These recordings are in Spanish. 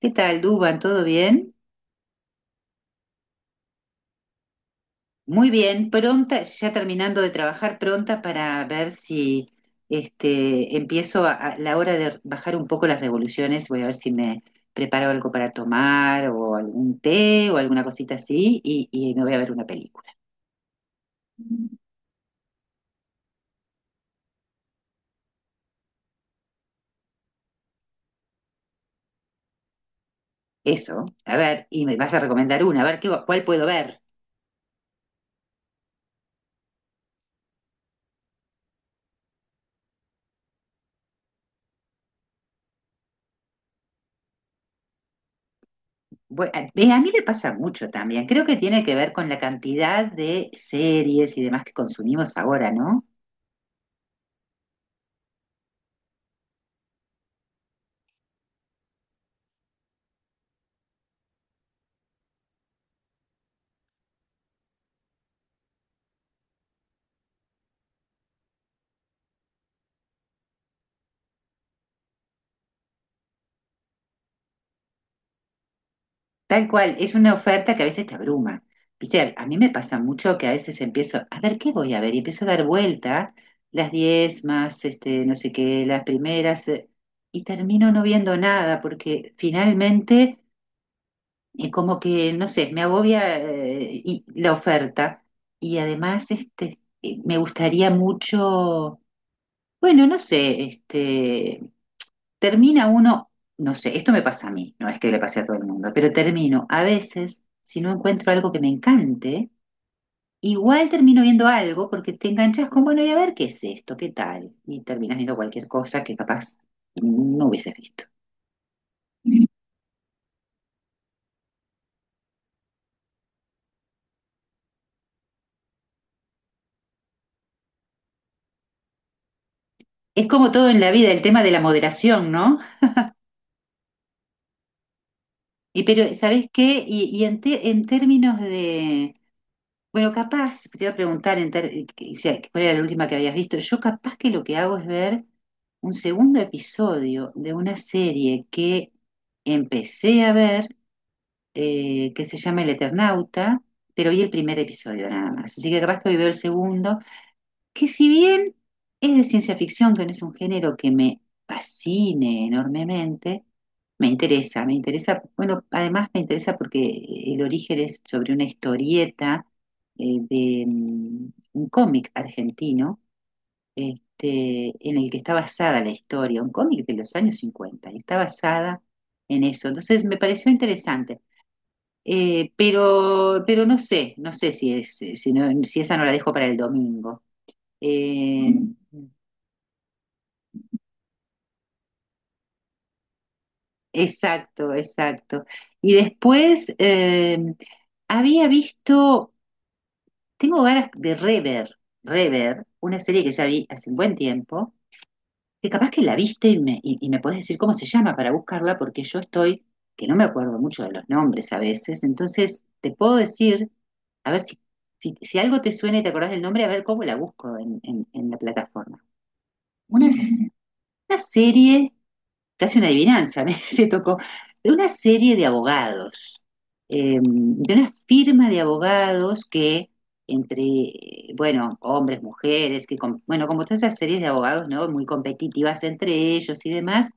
¿Qué tal, Duban? ¿Todo bien? Muy bien, pronta, ya terminando de trabajar, pronta para ver si empiezo a la hora de bajar un poco las revoluciones. Voy a ver si me preparo algo para tomar o algún té o alguna cosita así y me voy a ver una película. Eso, a ver, y me vas a recomendar una, a ver qué, cuál puedo ver. A mí me pasa mucho también. Creo que tiene que ver con la cantidad de series y demás que consumimos ahora, ¿no? Tal cual, es una oferta que a veces te abruma. Viste, a mí me pasa mucho que a veces empiezo, a ver, ¿qué voy a ver? Y empiezo a dar vueltas, las 10 más, no sé qué, las primeras, y termino no viendo nada, porque finalmente, como que, no sé, me agobia, la oferta. Y además, me gustaría mucho, bueno, no sé, termina uno, no sé, esto me pasa a mí, no es que le pase a todo el mundo, pero termino a veces, si no encuentro algo que me encante, igual termino viendo algo porque te enganchas con, bueno, y a ver qué es esto, qué tal, y terminas viendo cualquier cosa que capaz no hubieses visto. Es como todo en la vida, el tema de la moderación, ¿no? Y pero, ¿sabes qué? Y en términos de, bueno, capaz, te iba a preguntar en ter- que- si- cuál era la última que habías visto. Yo capaz que lo que hago es ver un segundo episodio de una serie que empecé a ver, que se llama El Eternauta, pero vi el primer episodio nada más. Así que capaz que hoy veo el segundo, que si bien es de ciencia ficción, que no es un género que me fascine enormemente, me interesa, bueno, además me interesa porque el origen es sobre una historieta de un cómic argentino, en el que está basada la historia, un cómic de los años 50 y está basada en eso. Entonces me pareció interesante. Pero no sé si esa no la dejo para el domingo. Eh, Exacto, exacto. Y después había visto, tengo ganas de rever, rever, una serie que ya vi hace un buen tiempo, que capaz que la viste y me podés decir cómo se llama para buscarla, porque yo estoy, que no me acuerdo mucho de los nombres a veces, entonces te puedo decir, a ver si algo te suena y te acordás del nombre, a ver cómo la busco en, en la plataforma. Una, una serie, casi una adivinanza, me le tocó, de una serie de abogados, de una firma de abogados que entre, bueno, hombres, mujeres, que, bueno, como todas esas series de abogados, ¿no? Muy competitivas entre ellos y demás,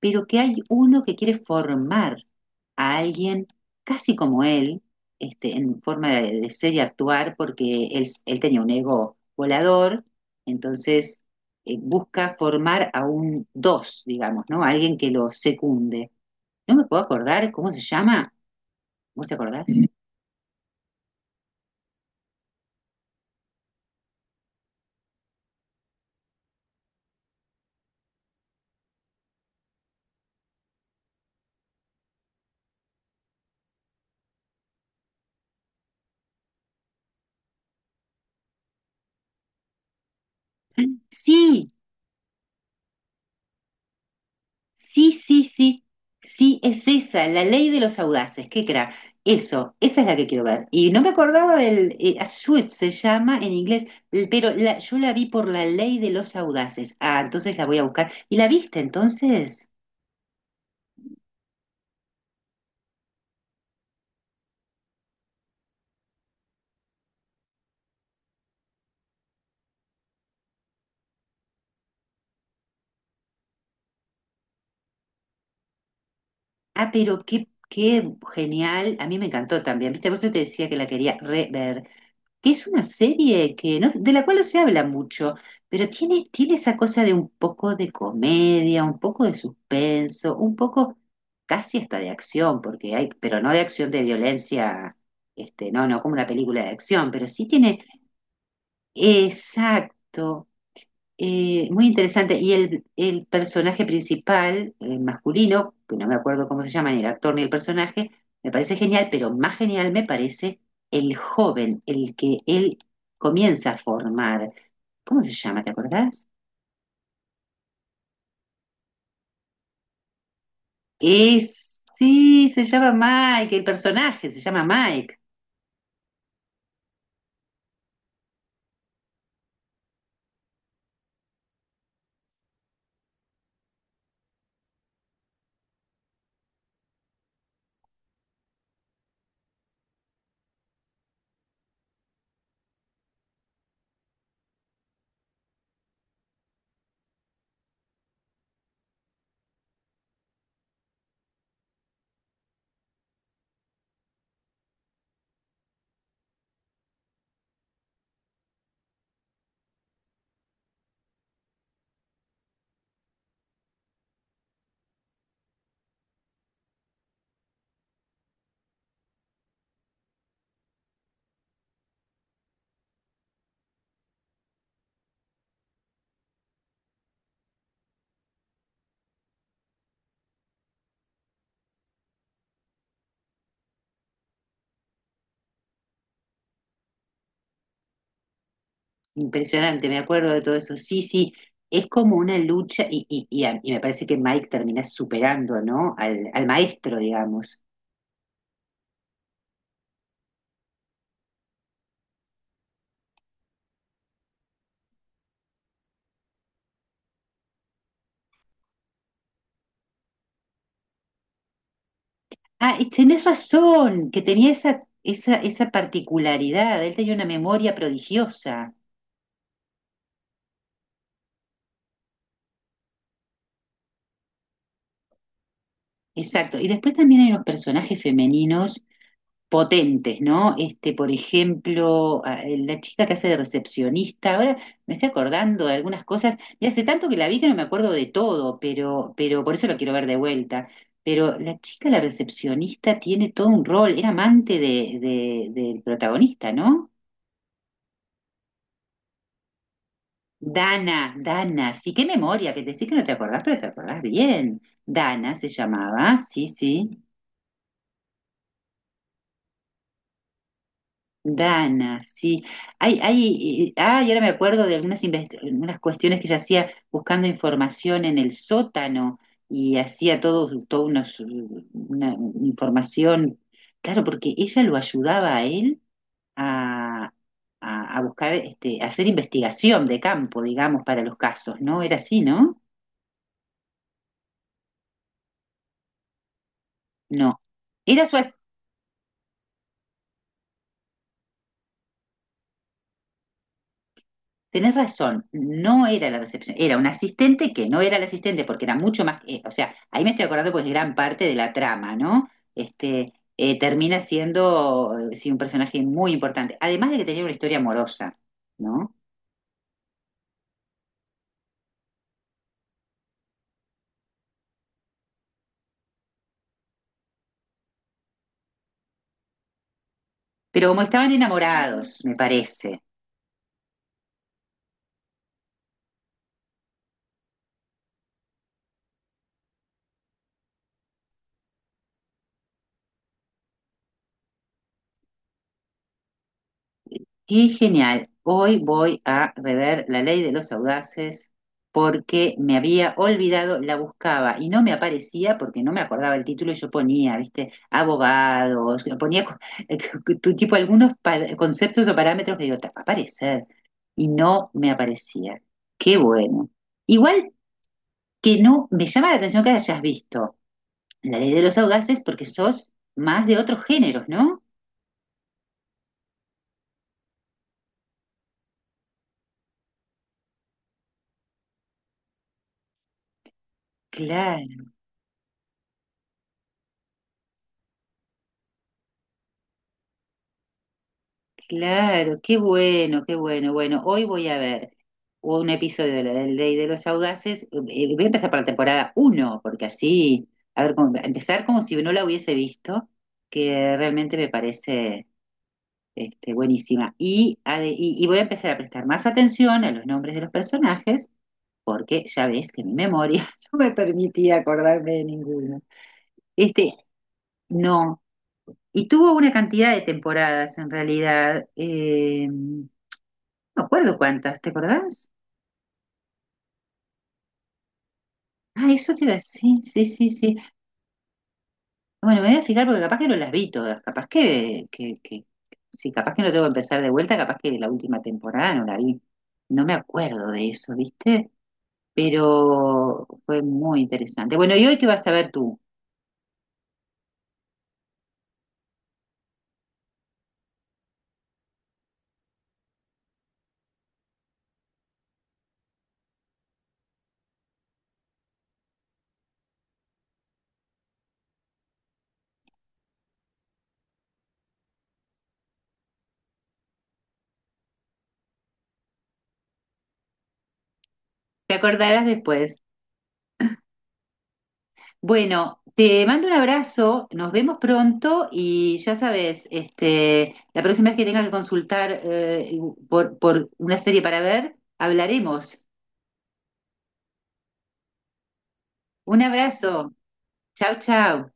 pero que hay uno que quiere formar a alguien casi como él, en forma de ser y actuar, porque él tenía un ego volador, entonces busca formar a un dos, digamos, ¿no? Alguien que lo secunde. No me puedo acordar cómo se llama. ¿Vos te acordás? Sí, sí, sí, sí, sí, es esa, la ley de los audaces, qué crack. Eso, esa es la que quiero ver. Y no me acordaba A Suit se llama en inglés, yo la vi por la ley de los audaces. Ah, entonces la voy a buscar. ¿Y la viste entonces? Ah, pero qué genial, a mí me encantó también, ¿viste? Por eso te decía que la quería rever, que es una serie que no, de la cual no se habla mucho, pero tiene esa cosa de un poco de comedia, un poco de suspenso, un poco casi hasta de acción, porque hay, pero no de acción de violencia, no, no como una película de acción, pero sí tiene, exacto, muy interesante. Y el personaje principal, el masculino, que no me acuerdo cómo se llama, ni el actor ni el personaje, me parece genial, pero más genial me parece el joven, el que él comienza a formar. ¿Cómo se llama? ¿Te acordás? Es, sí, se llama Mike, el personaje se llama Mike. Impresionante, me acuerdo de todo eso. Sí, sí, es como una lucha y me parece que Mike termina superando, ¿no? Al maestro, digamos. Ah, y tenés razón, que tenía esa particularidad, él tenía una memoria prodigiosa, exacto. Y después también hay unos personajes femeninos potentes, ¿no? Por ejemplo, la chica que hace de recepcionista. Ahora me estoy acordando de algunas cosas, y hace tanto que la vi que no me acuerdo de todo, pero por eso lo quiero ver de vuelta. Pero la chica, la recepcionista, tiene todo un rol, era amante del protagonista, ¿no? Dana, Dana, sí, qué memoria, que decís que no te acordás, pero te acordás bien. Dana se llamaba, sí, sí. Dana, sí. Ay, ay, ah, y ahora me acuerdo de algunas cuestiones que ella hacía buscando información en el sótano, y hacía todo, todo una información. Claro, porque ella lo ayudaba a él a, a buscar, a hacer investigación de campo, digamos, para los casos, ¿no? Era así, ¿no? No. Era su, tenés razón, no era la recepción, era un asistente que no era el asistente porque era mucho más, o sea, ahí me estoy acordando pues gran parte de la trama, ¿no? Termina siendo, sí, un personaje muy importante, además de que tenía una historia amorosa, ¿no? Pero como estaban enamorados, me parece. Qué genial. Hoy voy a rever La Ley de los Audaces porque me había olvidado, la buscaba y no me aparecía porque no me acordaba el título, y yo ponía, viste, abogados, ponía tipo algunos conceptos o parámetros, que digo: "Ta, va a aparecer", y no me aparecía. Qué bueno. Igual que no, me llama la atención que hayas visto La Ley de los Audaces porque sos más de otros géneros, ¿no? Claro. Claro, qué bueno, qué bueno. Bueno, hoy voy a ver un episodio de la Ley de los Audaces. Voy a empezar por la temporada uno, porque así, a ver, empezar como si no la hubiese visto, que realmente me parece buenísima. Y voy a empezar a prestar más atención a los nombres de los personajes, porque ya ves que mi memoria no me permitía acordarme de ninguno. Este, no. Y tuvo una cantidad de temporadas en realidad. No me acuerdo cuántas, ¿te acordás? Ah, eso te iba a decir, sí, sí, sí, sí. Bueno, me voy a fijar porque capaz que no las vi todas, capaz que, sí, capaz que no tengo que empezar de vuelta, capaz que la última temporada no la vi. No me acuerdo de eso, ¿viste? Pero fue muy interesante. Bueno, ¿y hoy qué vas a ver tú? Te acordarás después. Bueno, te mando un abrazo, nos vemos pronto y ya sabes, la próxima vez que tengas que consultar por una serie para ver, hablaremos. Un abrazo. Chau, chau.